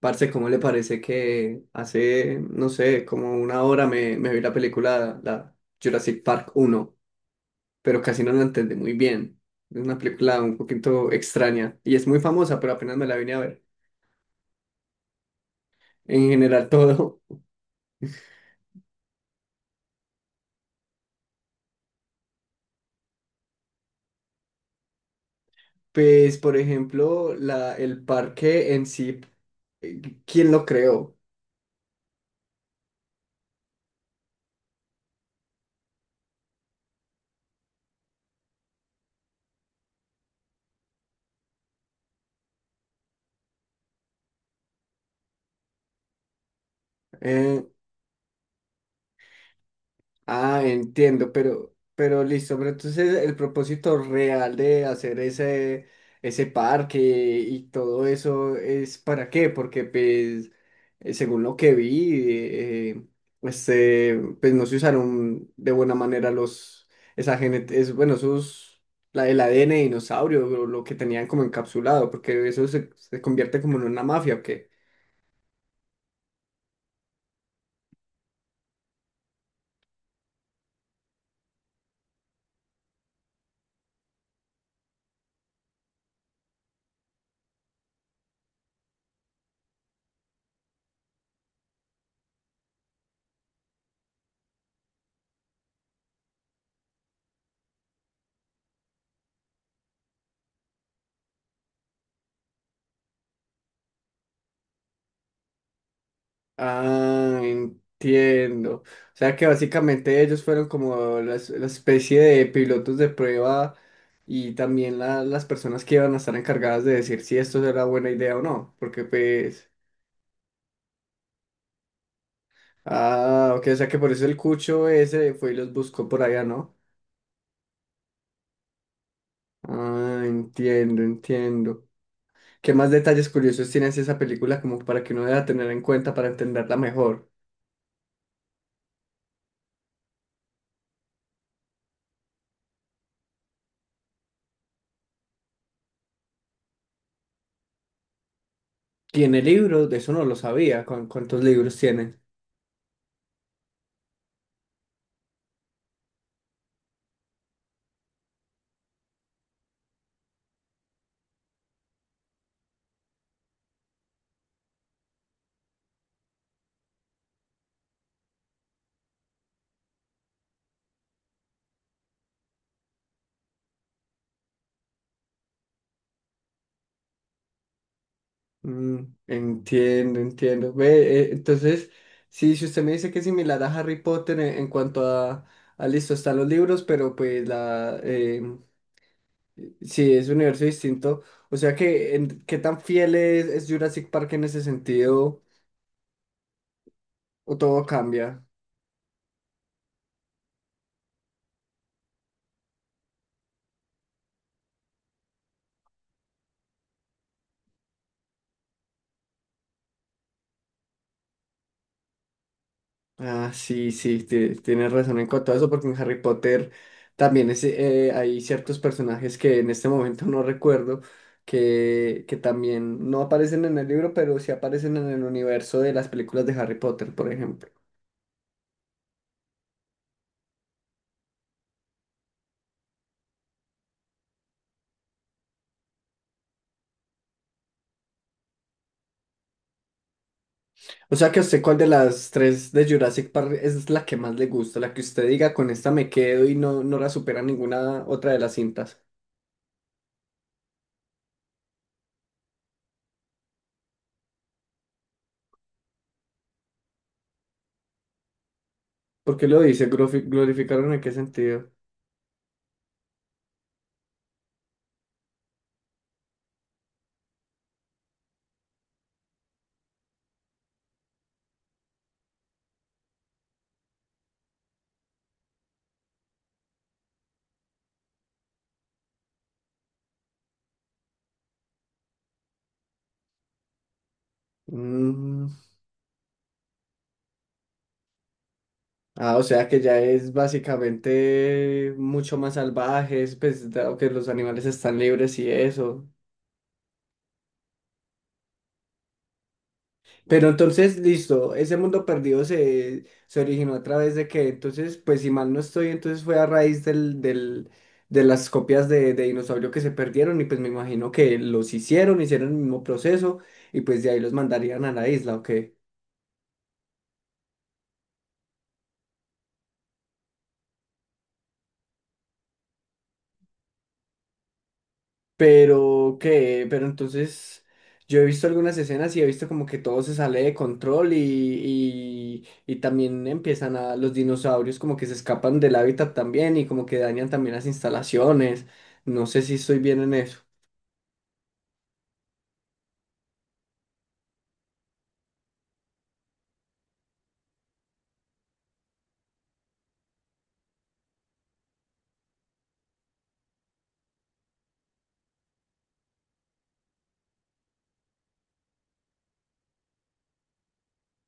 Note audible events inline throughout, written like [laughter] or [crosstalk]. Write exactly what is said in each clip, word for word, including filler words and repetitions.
Parce, ¿cómo le parece que hace, no sé, como una hora me, me vi la película, la Jurassic Park uno pero casi no la entendí muy bien. Es una película un poquito extraña y es muy famosa, pero apenas me la vine a ver. En general todo. [laughs] Pues, por ejemplo, la, el parque en sí, eh, ¿quién lo creó? Eh, Ah, entiendo, pero, pero listo, pero entonces el propósito real de hacer ese, ese parque y todo eso es para qué, porque pues eh, según lo que vi, eh, este, pues no se usaron de buena manera los, esa gene- es, bueno, esos, la, el A D N de dinosaurio, lo, lo que tenían como encapsulado, porque eso se, se convierte como en una mafia, ¿ok? Ah, entiendo. O sea que básicamente ellos fueron como la, es- la especie de pilotos de prueba y también la- las personas que iban a estar encargadas de decir si esto era buena idea o no. Porque pues... Ah, ok, o sea que por eso el cucho ese fue y los buscó por allá, ¿no? Ah, entiendo, entiendo. ¿Qué más detalles curiosos tienes de esa película como para que uno deba tener en cuenta para entenderla mejor? ¿Tiene libros? De eso no lo sabía. ¿Cuán- ¿Cuántos libros tiene? Mm, entiendo, entiendo. Ve, eh, entonces, sí, si usted me dice que es similar a Harry Potter en, en cuanto a, a listo, están los libros, pero pues la eh, sí es un universo distinto. O sea que en- qué tan fiel es, es Jurassic Park en ese sentido, o todo cambia. Ah, sí, sí, ti- tienes razón en cuanto a eso, porque en Harry Potter también es, eh, hay ciertos personajes que en este momento no recuerdo, que, que también no aparecen en el libro, pero sí aparecen en el universo de las películas de Harry Potter, por ejemplo. O sea que a usted, ¿cuál de las tres de Jurassic Park es la que más le gusta? La que usted diga, con esta me quedo y no, no la supera ninguna otra de las cintas. ¿Por qué lo dice? ¿Glorifi- ¿Glorificaron en qué sentido? Mm. Ah, o sea que ya es básicamente mucho más salvajes, pues dado que los animales están libres y eso. Pero entonces, listo, ese mundo perdido se, se originó a través de que, entonces, pues si mal no estoy, entonces fue a raíz del, del, de las copias de, de dinosaurio que se perdieron y pues me imagino que los hicieron, hicieron el mismo proceso y pues de ahí los mandarían a la isla, ¿ok? Pero que, pero entonces yo he visto algunas escenas y he visto como que todo se sale de control y, y, y también empiezan a los dinosaurios como que se escapan del hábitat también y como que dañan también las instalaciones. No sé si estoy bien en eso.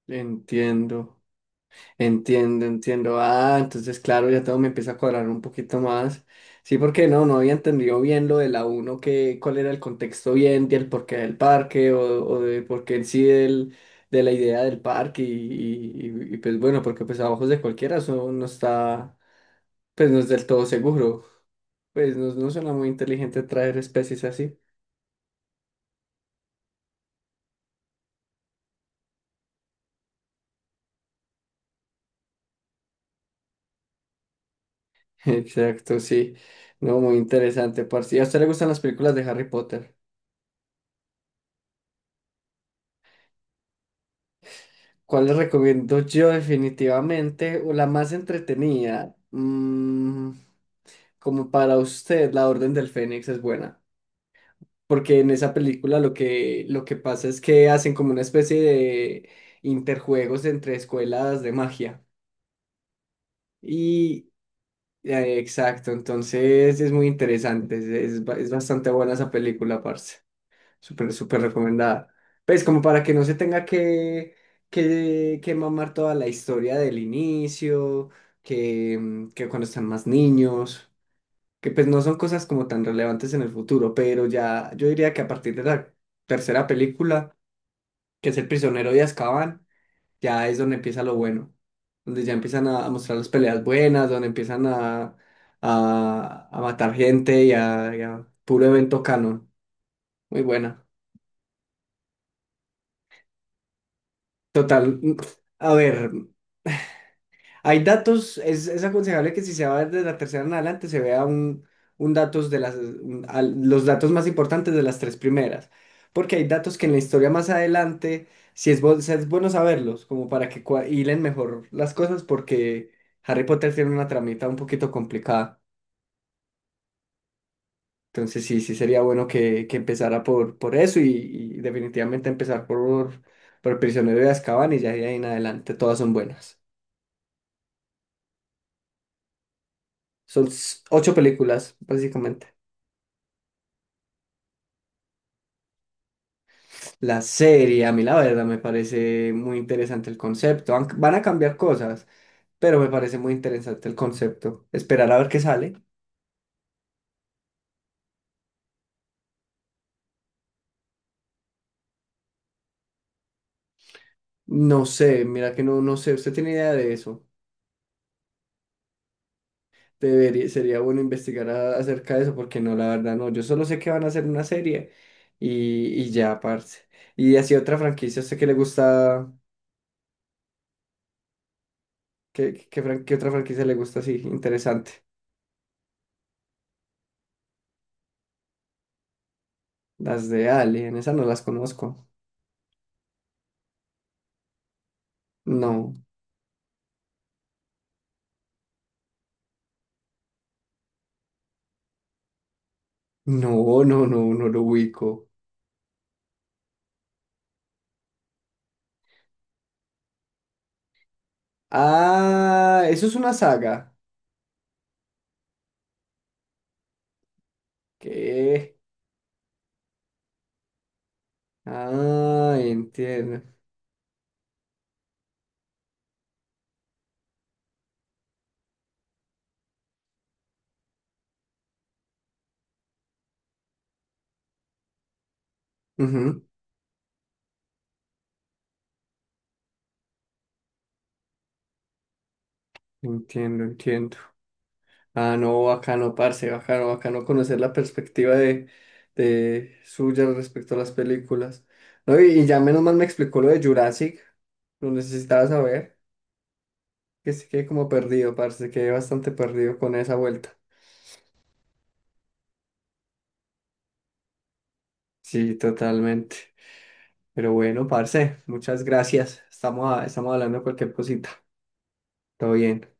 Entiendo. Entiendo, entiendo. Ah, entonces, claro, ya todo me empieza a cuadrar un poquito más. Sí, porque no, no había entendido bien lo de la uno que cuál era el contexto bien del porqué del parque o, o de por qué en sí del, de la idea del parque y, y- y, pues bueno, porque pues a ojos de cualquiera eso no está, pues no es del todo seguro. Pues no, no suena muy inteligente traer especies así. [laughs] Exacto, sí. No, muy interesante, parce. ¿Y a usted le gustan las películas de Harry Potter? ¿Cuál les recomiendo yo definitivamente? O la más entretenida. Mm, como para usted, La Orden del Fénix es buena. Porque en esa película lo que, lo que pasa es que hacen como una especie de interjuegos entre escuelas de magia. Y eh, exacto, entonces es muy interesante. Es, es ba- es bastante buena esa película, parce. Súper, súper recomendada. Pues como para que no se tenga que, que, que mamar toda la historia del inicio, que, mm, que cuando están más niños, que pues no son cosas como tan relevantes en el futuro, pero ya yo diría que a partir de la tercera película, que es El prisionero de Azkaban, ya es donde empieza lo bueno, donde ya empiezan a, a mostrar las peleas buenas, donde empiezan a, a, a matar gente y a, y a puro evento canon. Muy buena. Total, mm, a ver, hay datos, es, es aconsejable que si se va desde la tercera en adelante se vea un, un datos de las, un- al- los datos más importantes de las tres primeras, porque hay datos que en la historia más adelante, si es, bu- si es bueno saberlos, como para que cua- hilen mejor las cosas, porque Harry Potter tiene una tramita un poquito complicada, entonces sí, sí sería bueno que, que empezara por, por eso y, y definitivamente empezar por, por el prisionero de Azkaban y ya de ahí en adelante todas son buenas. Son s- ocho películas, básicamente. La serie, a mí la verdad, me parece muy interesante el concepto. Aunque van a cambiar cosas, pero me parece muy interesante el concepto. Esperar a ver qué sale. No sé, mira que no, no sé, ¿usted tiene idea de eso? Debería, sería bueno investigar a- acerca de eso, porque no, la verdad no. Yo solo sé que van a hacer una serie y, y ya, parce. Y así otra franquicia, ¿a usted qué le gusta? ¿Qué, qué, fran- ¿qué otra franquicia le gusta así? Interesante. Las de Alien, esas no las conozco. No. No, no, no, no lo ubico. Ah, eso es una saga. ¿Qué? Ah, entiendo. Ujú. Entiendo, entiendo. Ah, no, bacano, parce, bacano, bacano conocer la perspectiva de, de suya respecto a las películas. No, y, y ya menos mal me explicó lo de Jurassic. Lo necesitaba saber. Que se quedé como perdido, parce, quedé bastante perdido con esa vuelta. Sí, totalmente. Pero bueno, parce, muchas gracias. Estamos, a- estamos hablando de cualquier cosita. Todo bien.